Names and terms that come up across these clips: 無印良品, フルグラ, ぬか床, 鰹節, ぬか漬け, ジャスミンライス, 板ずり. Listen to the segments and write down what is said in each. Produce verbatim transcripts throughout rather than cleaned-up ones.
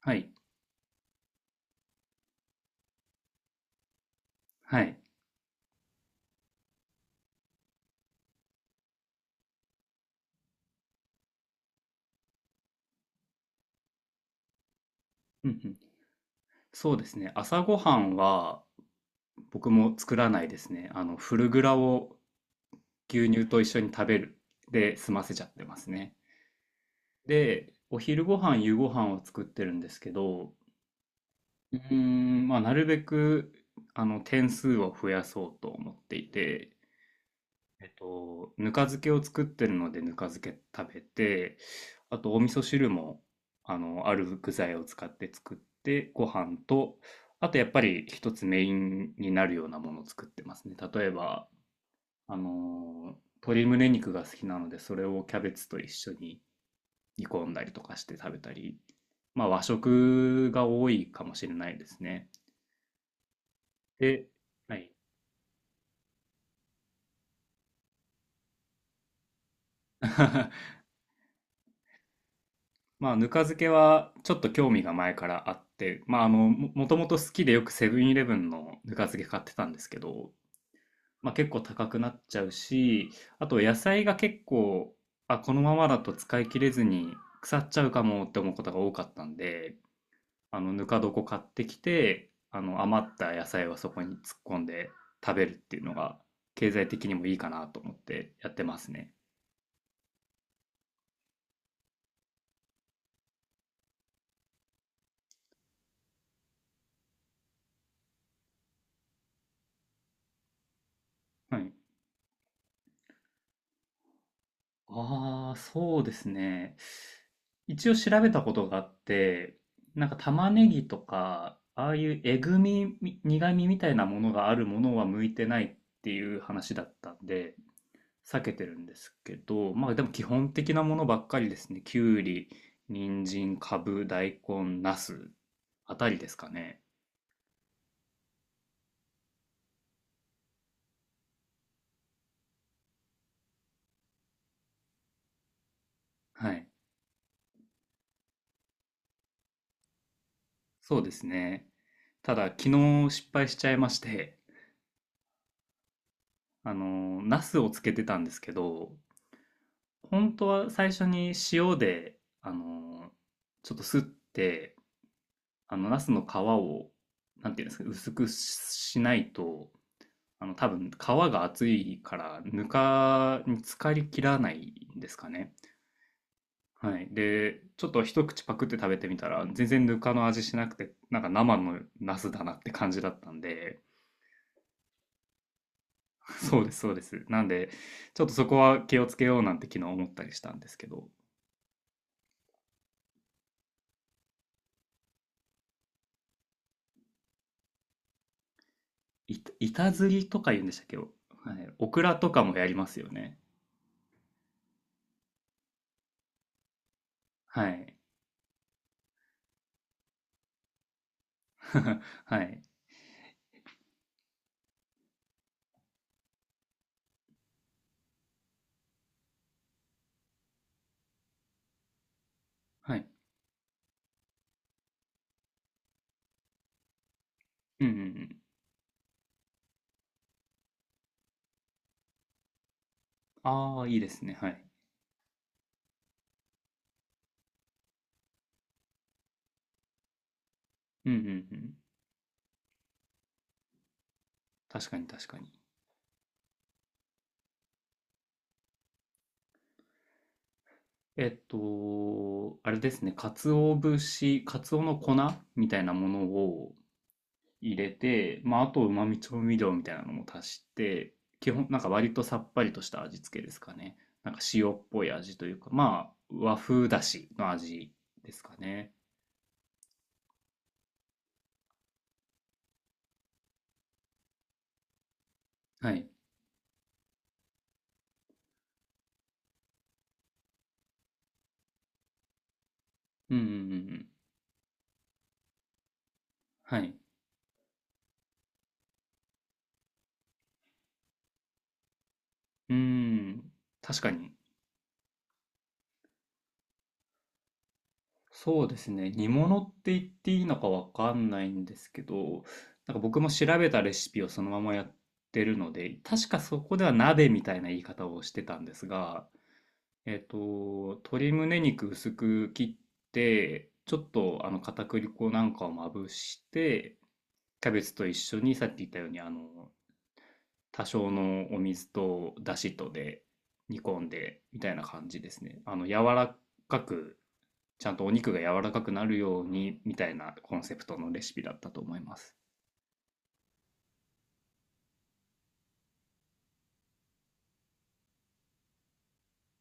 はい。はい。うんうん。そうですね。朝ごはんは僕も作らないですね。あの、フルグラを牛乳と一緒に食べるで済ませちゃってますね。で、お昼ご飯、夕ご飯を作ってるんですけど、うーん、まあ、なるべく、あの、点数を増やそうと思っていて、えっと、ぬか漬けを作ってるのでぬか漬け食べて、あとお味噌汁も、あの、ある具材を使って作って、ご飯と、あとやっぱり一つメインになるようなものを作ってますね。例えば、あの、鶏胸肉が好きなので、それをキャベツと一緒に煮込んだりとかして食べたり、まあ和食が多いかもしれないですね。で、はい。まあ、ぬか漬けはちょっと興味が前からあって、まあ、あの、も、もともと好きでよくセブンイレブンのぬか漬け買ってたんですけど、まあ、結構高くなっちゃうし、あと野菜が結構、あ、このままだと使い切れずに腐っちゃうかもって思うことが多かったんで、あの、ぬか床買ってきて、あの、余った野菜はそこに突っ込んで食べるっていうのが、経済的にもいいかなと思ってやってますね。はい。ああ、そうですね。一応調べたことがあって、なんか玉ねぎとか、ああいうえぐみ、み苦みみたいなものがあるものは向いてないっていう話だったんで、避けてるんですけど、まあでも基本的なものばっかりですね。きゅうり、人参、かぶ、大根、なすあたりですかね。はい。そうですね。ただ、昨日失敗しちゃいまして、あの、ナスをつけてたんですけど、本当は最初に塩で、あの、ちょっとすって、あの、ナスの皮を、なんていうんですかね、薄くしないと、あの、多分皮が厚いから、ぬかに浸かりきらないんですかね。はい。で、ちょっと一口パクって食べてみたら、全然ぬかの味しなくて、なんか生のナスだなって感じだったんで、そうです、そうです。なんで、ちょっとそこは気をつけようなんて昨日思ったりしたんですけど。いた、板ずりとか言うんでしたっけ？はい。オクラとかもやりますよね。はい。はい。はい。うんうんうん。ああ、いいですね。はい。うんうんうん。確かに確かに。えっと、あれですね。鰹節、鰹の粉みたいなものを入れて、まあ、あと旨味調味料みたいなのも足して、基本、なんか割とさっぱりとした味付けですかね。なんか塩っぽい味というか、まあ、和風だしの味ですかね。はい。うんうんうんはい。うーん。確かに。そうですね。煮物って言っていいのかわかんないんですけど、なんか僕も調べたレシピをそのままやってるので、確かそこでは鍋みたいな言い方をしてたんですが、えっと、鶏胸肉薄く切って、ちょっとあの片栗粉なんかをまぶして、キャベツと一緒にさっき言ったように、あの、多少のお水とだしとで煮込んでみたいな感じですね。あの、柔らかくちゃんとお肉が柔らかくなるようにみたいなコンセプトのレシピだったと思います。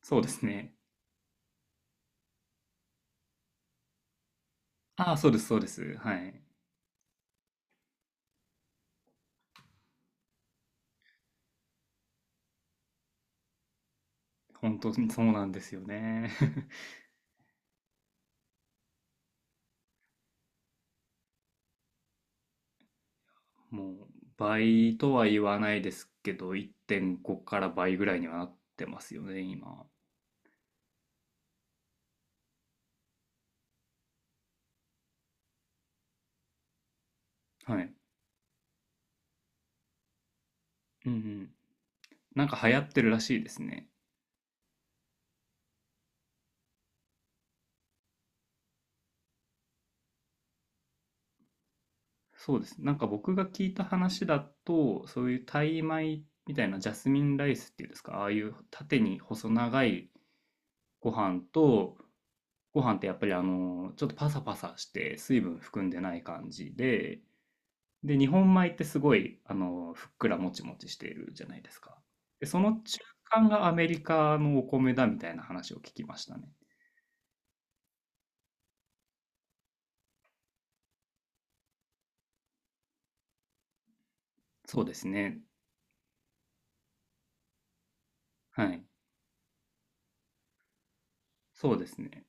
そうですね。ああ、そうです、そうです。はい。本当にそうなんですよね。もう倍とは言わないですけど、いってんごから倍ぐらいにはなってますよね、今。はい。うんうん。なんか流行ってるらしいですね。そうです。なんか僕が聞いた話だと、そういうタイ米みたいなジャスミンライスっていうんですか、ああいう縦に細長いご飯と、ご飯ってやっぱりあの、ちょっとパサパサして水分含んでない感じで、で、日本米ってすごいあの、ふっくらもちもちしているじゃないですか。で、その中間がアメリカのお米だみたいな話を聞きましたね。そうですね。はい。そうですね。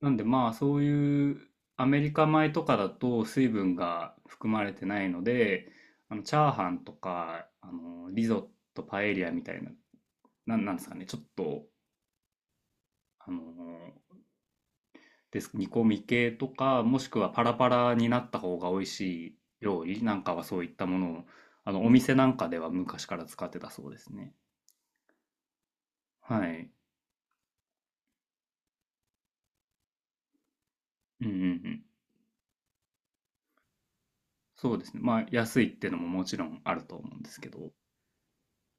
なんでまあそういうアメリカ米とかだと水分が含まれてないので、あのチャーハンとか、あのリゾット、パエリアみたいな、なん、なんですかね、ちょっと、あのです。煮込み系とか、もしくはパラパラになった方が美味しい料理なんかはそういったものを、あの、お店なんかでは昔から使ってたそうですね。はい。うんうんうん。そうですね。まあ、安いってのももちろんあると思うんですけど。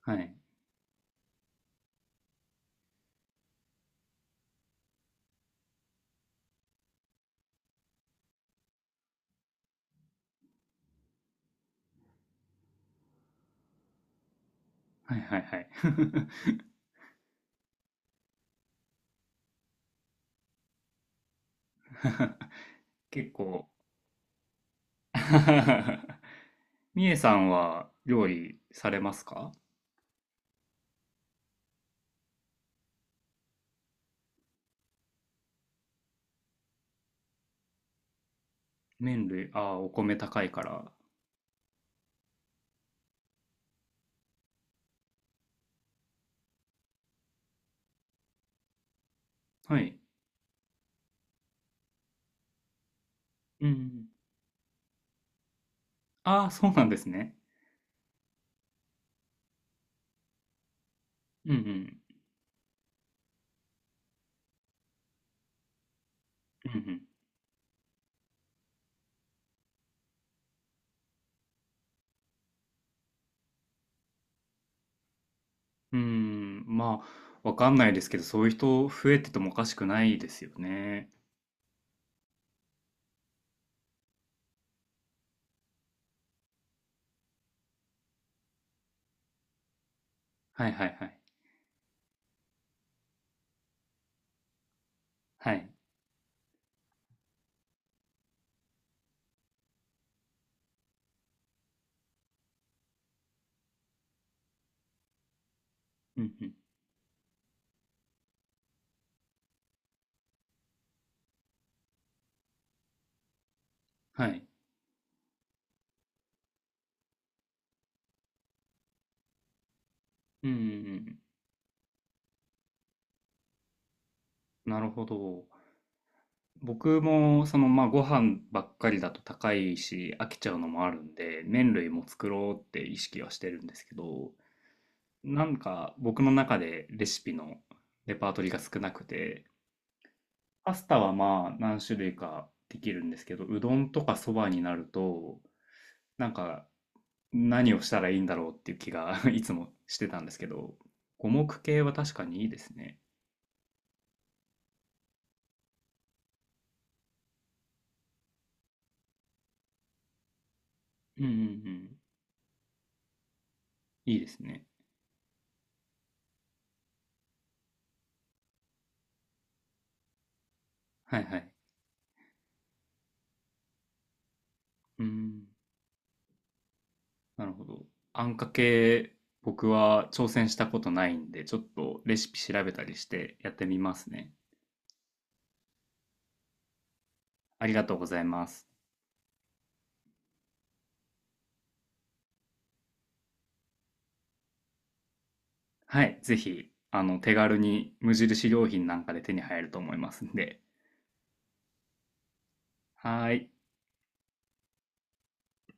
はい。はいはいはい。結構 みえさんは料理されますか？麺類、ああ、お米高いから。はい。うんうん。ああ、そうなんですね。うんうん。うんうん、まあ、わかんないですけど、そういう人増えててもおかしくないですよね。はいはいはい。はい。うんうん。はい。うんうんうん。なるほど。僕も、その、まあ、ご飯ばっかりだと高いし、飽きちゃうのもあるんで、麺類も作ろうって意識はしてるんですけど、なんか僕の中でレシピのレパートリーが少なくて、パスタはまあ何種類かできるんですけど、うどんとかそばになると、なんか何をしたらいいんだろうっていう気が いつもしてたんですけど、五目系は確かにいいですね。うんうんうん。いいですね。はいはい。うん。なるほど。あんかけ、僕は挑戦したことないんで、ちょっとレシピ調べたりしてやってみますね。ありがとうございます。はい。ぜひ、あの、手軽に無印良品なんかで手に入ると思いますんで。はーい。